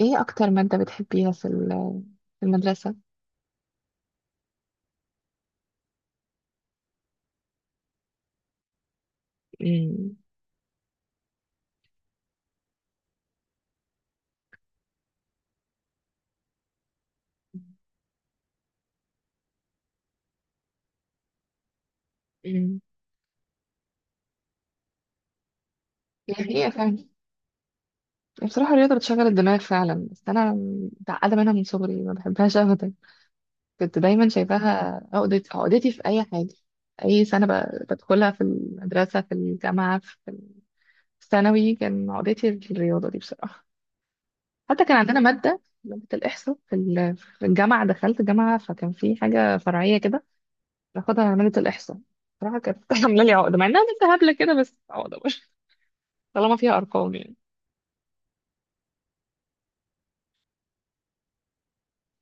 ايه اكتر مادة بتحبيها في المدرسة؟ امم امم يعني هي فعلا بصراحة الرياضة بتشغل الدماغ فعلا، بس انا متعقدة منها من صغري، ما بحبهاش ابدا. كنت دايما شايفاها عقدتي في اي حاجة. اي سنة بدخلها، في المدرسة، في الجامعة، في الثانوي، كان عقدتي الرياضة دي بصراحة. حتى كان عندنا مادة الإحصاء في الجامعة، دخلت جامعة فكان في حاجة فرعية كده باخدها عملية الإحصاء. صراحة كانت عاملة لي عقدة، مع إنها بنت هبلة كده، بس عقدة برضه طالما فيها أرقام يعني.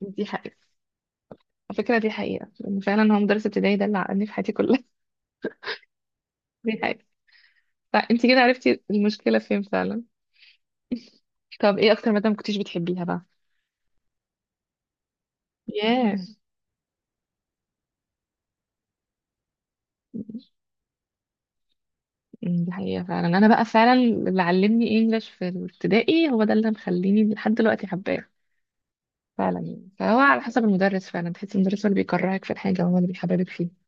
دي حقيقة. على فكرة دي حقيقة، لأن فعلا هو مدرس ابتدائي ده اللي عقدني في حياتي كلها. دي حقيقة. فأنت كده عرفتي المشكلة فين فعلا. طب إيه أكتر مادة ما كنتيش بتحبيها بقى؟ ياه. أمم، دي حقيقة فعلا. أنا بقى فعلا اللي علمني إنجلش في الابتدائي هو ده اللي مخليني لحد دلوقتي حباه فعلا يعني. فهو على حسب المدرس فعلا، تحسي المدرس هو اللي بيكرهك في الحاجة، هو اللي بيحببك فيه.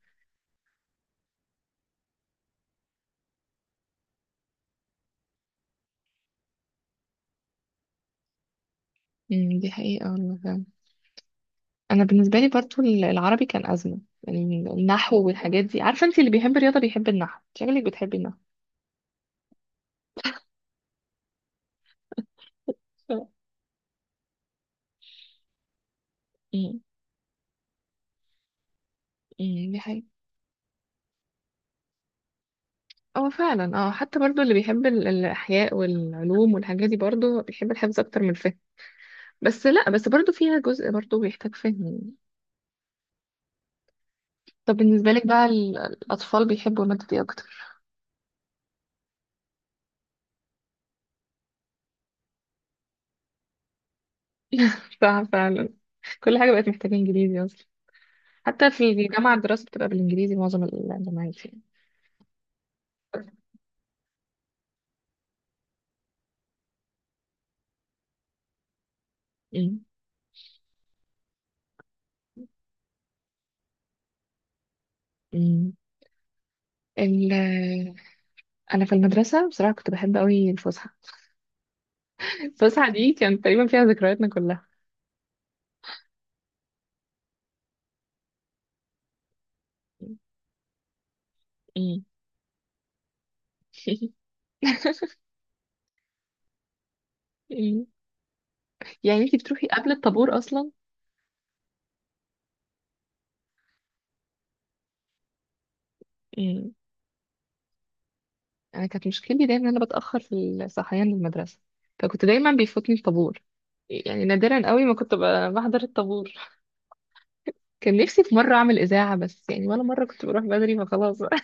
أمم، دي حقيقة والله فعلا. انا بالنسبه لي برضو العربي كان ازمه يعني. النحو والحاجات دي، عارفه انت اللي بيحب الرياضه بيحب النحو، شكلك بتحبي النحو. امم. أمم، دي حقيقة. اه فعلا، اه حتى برضو اللي بيحب الاحياء والعلوم والحاجات دي برضو بيحب الحفظ اكتر من الفهم. بس لا، بس برضو فيها جزء برضو بيحتاج فهم. طب بالنسبه لك بقى، الاطفال بيحبوا الماده دي اكتر؟ صح فعلا. كل حاجه بقت محتاجه انجليزي اصلا. حتى في الجامعه الدراسه بتبقى بالانجليزي معظم الجامعات يعني. أمم، أمم. ال انا في المدرسه بصراحه كنت بحب قوي الفسحه. الفسحه دي كانت تقريبا فيها ذكرياتنا كلها. أمم. أمم. يعني انتي بتروحي قبل الطابور اصلا. أمم. انا كانت مشكلتي دايما ان انا بتاخر في الصحيان للمدرسه، فكنت دايما بيفوتني الطابور. يعني نادرا قوي ما كنت بحضر الطابور. كان نفسي في مره اعمل اذاعه بس يعني، ولا مره كنت بروح بدري فخلاص بقى.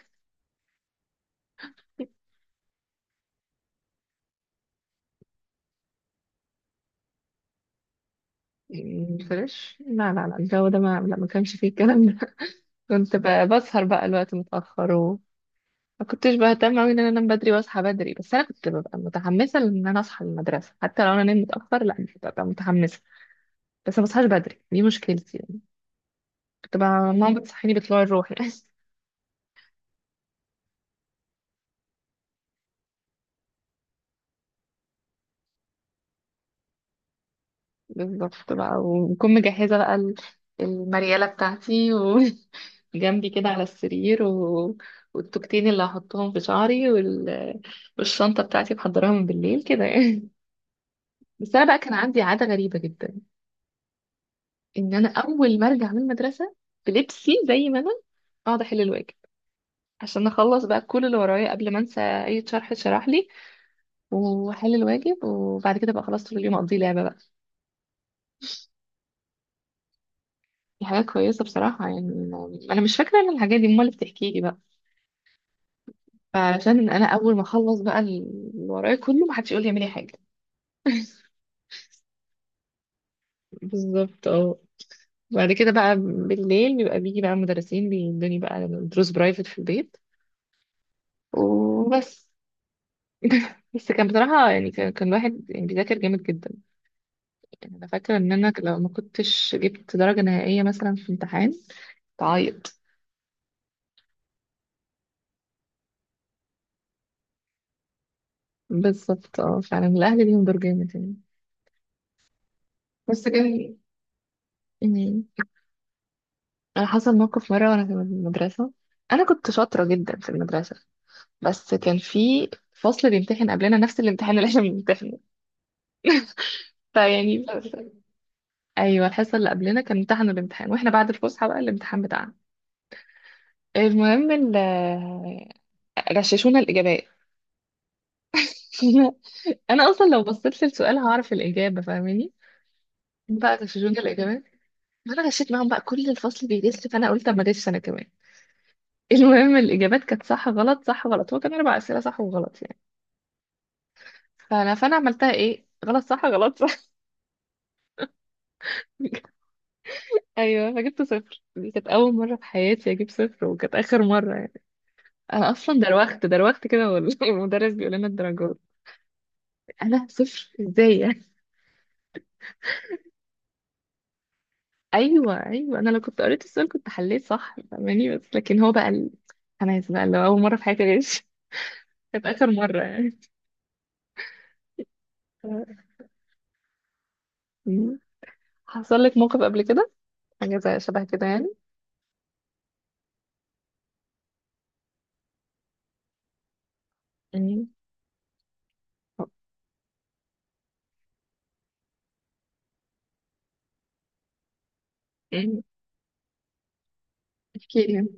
أمم. فريش؟ لا لا لا، الجو ده ما، لا ما كانش فيه الكلام ده. كنت بسهر بقى الوقت متأخر. ما كنتش بهتم قوي ان انا انام بدري واصحى بدري، بس انا كنت ببقى متحمسه ان انا اصحى للمدرسه. حتى لو انا نمت متاخر لا كنت ببقى متحمسه، بس ما بصحاش بدري، دي مشكلتي يعني. كنت بقى ماما بتصحيني بطلوع الروح يعني. بالظبط بقى، وبكون مجهزه بقى المرياله بتاعتي وجنبي كده على السرير، و... والتوكتين اللي هحطهم في شعري، وال... والشنطه بتاعتي محضراها من بالليل كده يعني. بس انا بقى كان عندي عاده غريبه جدا، ان انا اول ما ارجع من المدرسه بلبسي زي ما انا اقعد احل الواجب، عشان اخلص بقى كل اللي ورايا قبل ما انسى اي شرح اتشرح لي، واحل الواجب، وبعد كده بقى خلاص طول اليوم اقضيه لعبه بقى. دي حاجه كويسه بصراحه يعني. انا مش فاكره ان الحاجات دي، امال اللي بتحكي لي بقى. فعشان انا اول ما اخلص بقى اللي ورايا كله، ما حدش يقول لي اعملي حاجه. بالظبط اه. بعد كده بقى بالليل بيبقى بيجي بقى مدرسين بيدوني بقى دروس برايفت في البيت وبس. بس كان بصراحه يعني، كان الواحد يعني بيذاكر جامد جدا. يعني انا فاكره ان انا لو ما كنتش جبت درجه نهائيه مثلا في امتحان تعيط. بالظبط اه، فعلا الاهل ليهم دور جامد يعني. بس كان يعني، انا حصل موقف مره وانا في المدرسه. انا كنت شاطره جدا في المدرسه، بس كان في فصل بيمتحن قبلنا نفس الامتحان اللي احنا بنمتحنه. فيعني ايوه الحصه اللي قبلنا كان امتحنوا الامتحان، واحنا بعد الفسحه بقى الامتحان بتاعنا. المهم غششونا الاجابات. انا اصلا لو بصيت للسؤال هعرف الاجابه، فاهماني؟ بقى غششونا الإجابات. ما أنا غشيت معاهم بقى، كل الفصل بيغش، فأنا قلت أما أغش أنا كمان. المهم الإجابات كانت صح غلط صح غلط، هو كان أربع أسئلة صح وغلط يعني. فأنا عملتها إيه، غلط صح غلط صح. أيوه فجبت صفر. دي كانت أول مرة في حياتي أجيب صفر، وكانت آخر مرة يعني. أنا أصلا دروخت كده، والمدرس بيقول لنا الدرجات، أنا صفر إزاي يعني؟ أيوه أيوه، أنا لو كنت قريت السؤال كنت حليت صح، فاهماني؟ بس لكن هو بقى أنا عايز بقى اللي هو أول مرة في حياتي أغش. كانت آخر مرة يعني. حصل لك موقف قبل كده؟ حاجة زي شبه كده يعني. أمم، أمم، احكي لي.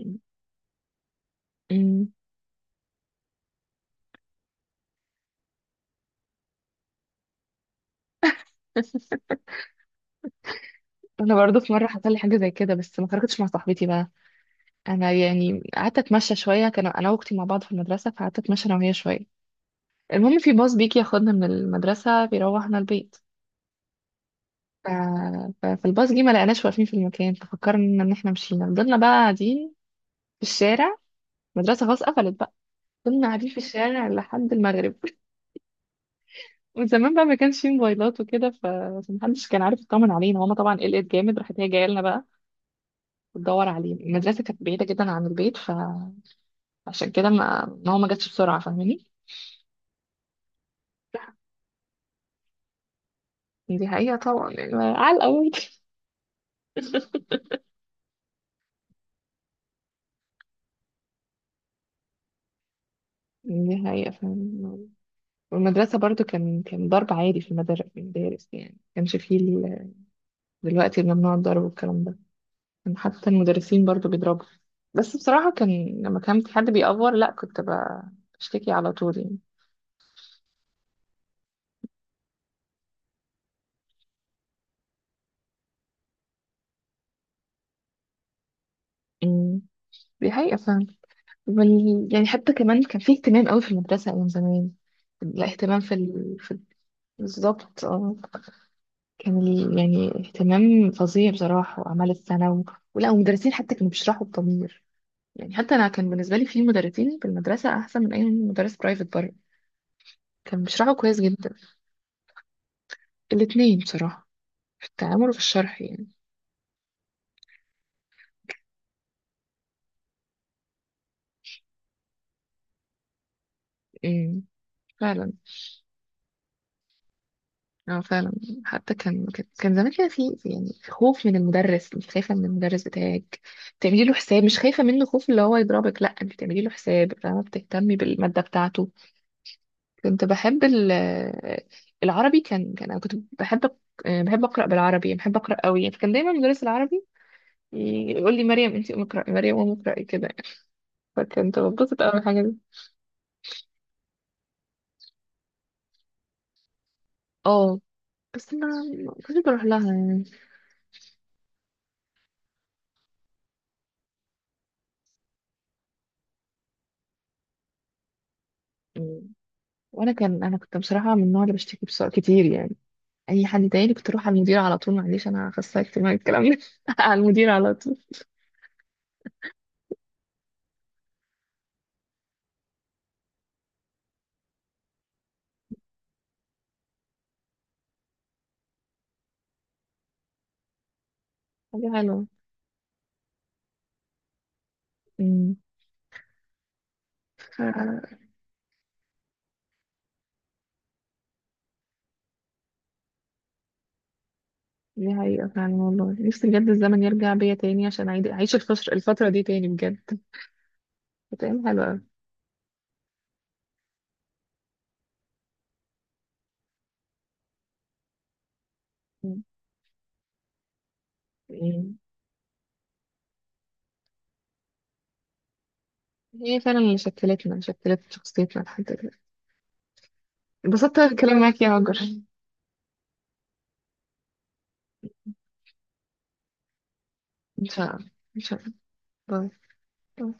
أمم، أمم. انا برضو في مره حصل لي حاجه زي كده، بس ما خرجتش مع صاحبتي بقى. انا يعني قعدت اتمشى شويه، كان انا واختي مع بعض في المدرسه، فقعدت اتمشى انا وهي شويه. المهم في باص بيجي ياخدنا من المدرسه بيروحنا البيت. ف... فالباص جه ما لقيناش واقفين في المكان، ففكرنا ان احنا مشينا، فضلنا بقى قاعدين في الشارع. المدرسه خلاص قفلت بقى. فضلنا قاعدين في الشارع لحد المغرب. وزمان بقى ما كانش فيه موبايلات وكده، فمحدش كان عارف يطمن علينا. ماما طبعا قلقت جامد، راحت هي جايه لنا بقى وتدور علينا. المدرسه كانت بعيده جدا عن البيت، فعشان كده ما ماما ما جاتش بسرعه، فاهماني؟ دي حقيقه طبعا يعني على الاول. دي حقيقه فاهم. والمدرسه برضو كان ضرب عادي في المدارس يعني. ما كانش فيه دلوقتي ممنوع الضرب والكلام ده، كان حتى المدرسين برضو بيضربوا. بس بصراحه كان لما كان في حد بيأفور لا كنت بشتكي على طول يعني. أمم. دي حقيقة فعلا. يعني حتى كمان كان في اهتمام قوي في المدرسة أيام زمان. الاهتمام بالظبط اه. كان يعني اهتمام فظيع بصراحة، وأعمال السنة، و... ولا ومدرسين حتى كانوا بيشرحوا بضمير يعني. حتى أنا كان بالنسبة لي في مدرسين في المدرسة أحسن من أي مدرس برايفت بره، كان بيشرحوا كويس جدا. الاتنين بصراحة، في التعامل وفي الشرح يعني. امم فعلا، اه فعلا. حتى كان زمان كده يعني خوف من المدرس، مش خايفه من المدرس بتاعك، بتعملي له حساب، مش خايفه منه خوف اللي هو يضربك، لا انت بتعملي له حساب، فاهمه؟ بتهتمي بالماده بتاعته. كنت بحب العربي كان انا كنت بحب بحب اقرا بالعربي يعني، بحب اقرا قوي، فكان دايما مدرس العربي يقول لي مريم انت قومي اقراي، مريم قومي اقراي كده يعني. فكنت بتبسط قوي من الحاجه دي. اه بس ما كنتش بروح لها يعني. مم. وانا كان انا كنت بصراحه من النوع اللي بشتكي بسرعه كتير يعني. اي حد تاني كنت اروح على المدير على طول، معلش انا اخصائي اجتماعي الكلام ده. على المدير على طول. حاجه حلوه. امم. ف- دي حقيقه فعلا والله، نفسي بجد الزمن يرجع بيا تاني عشان اعيش الفتره دي تاني بجد. كانت ايام حلوه أوي. أمم. أمم. هي فعلا اللي شكلتنا، شكلت شخصيتنا لحد دلوقتي. انبسطت الكلام معاك يا هاجر. ان شاء الله. ان شاء الله. باي.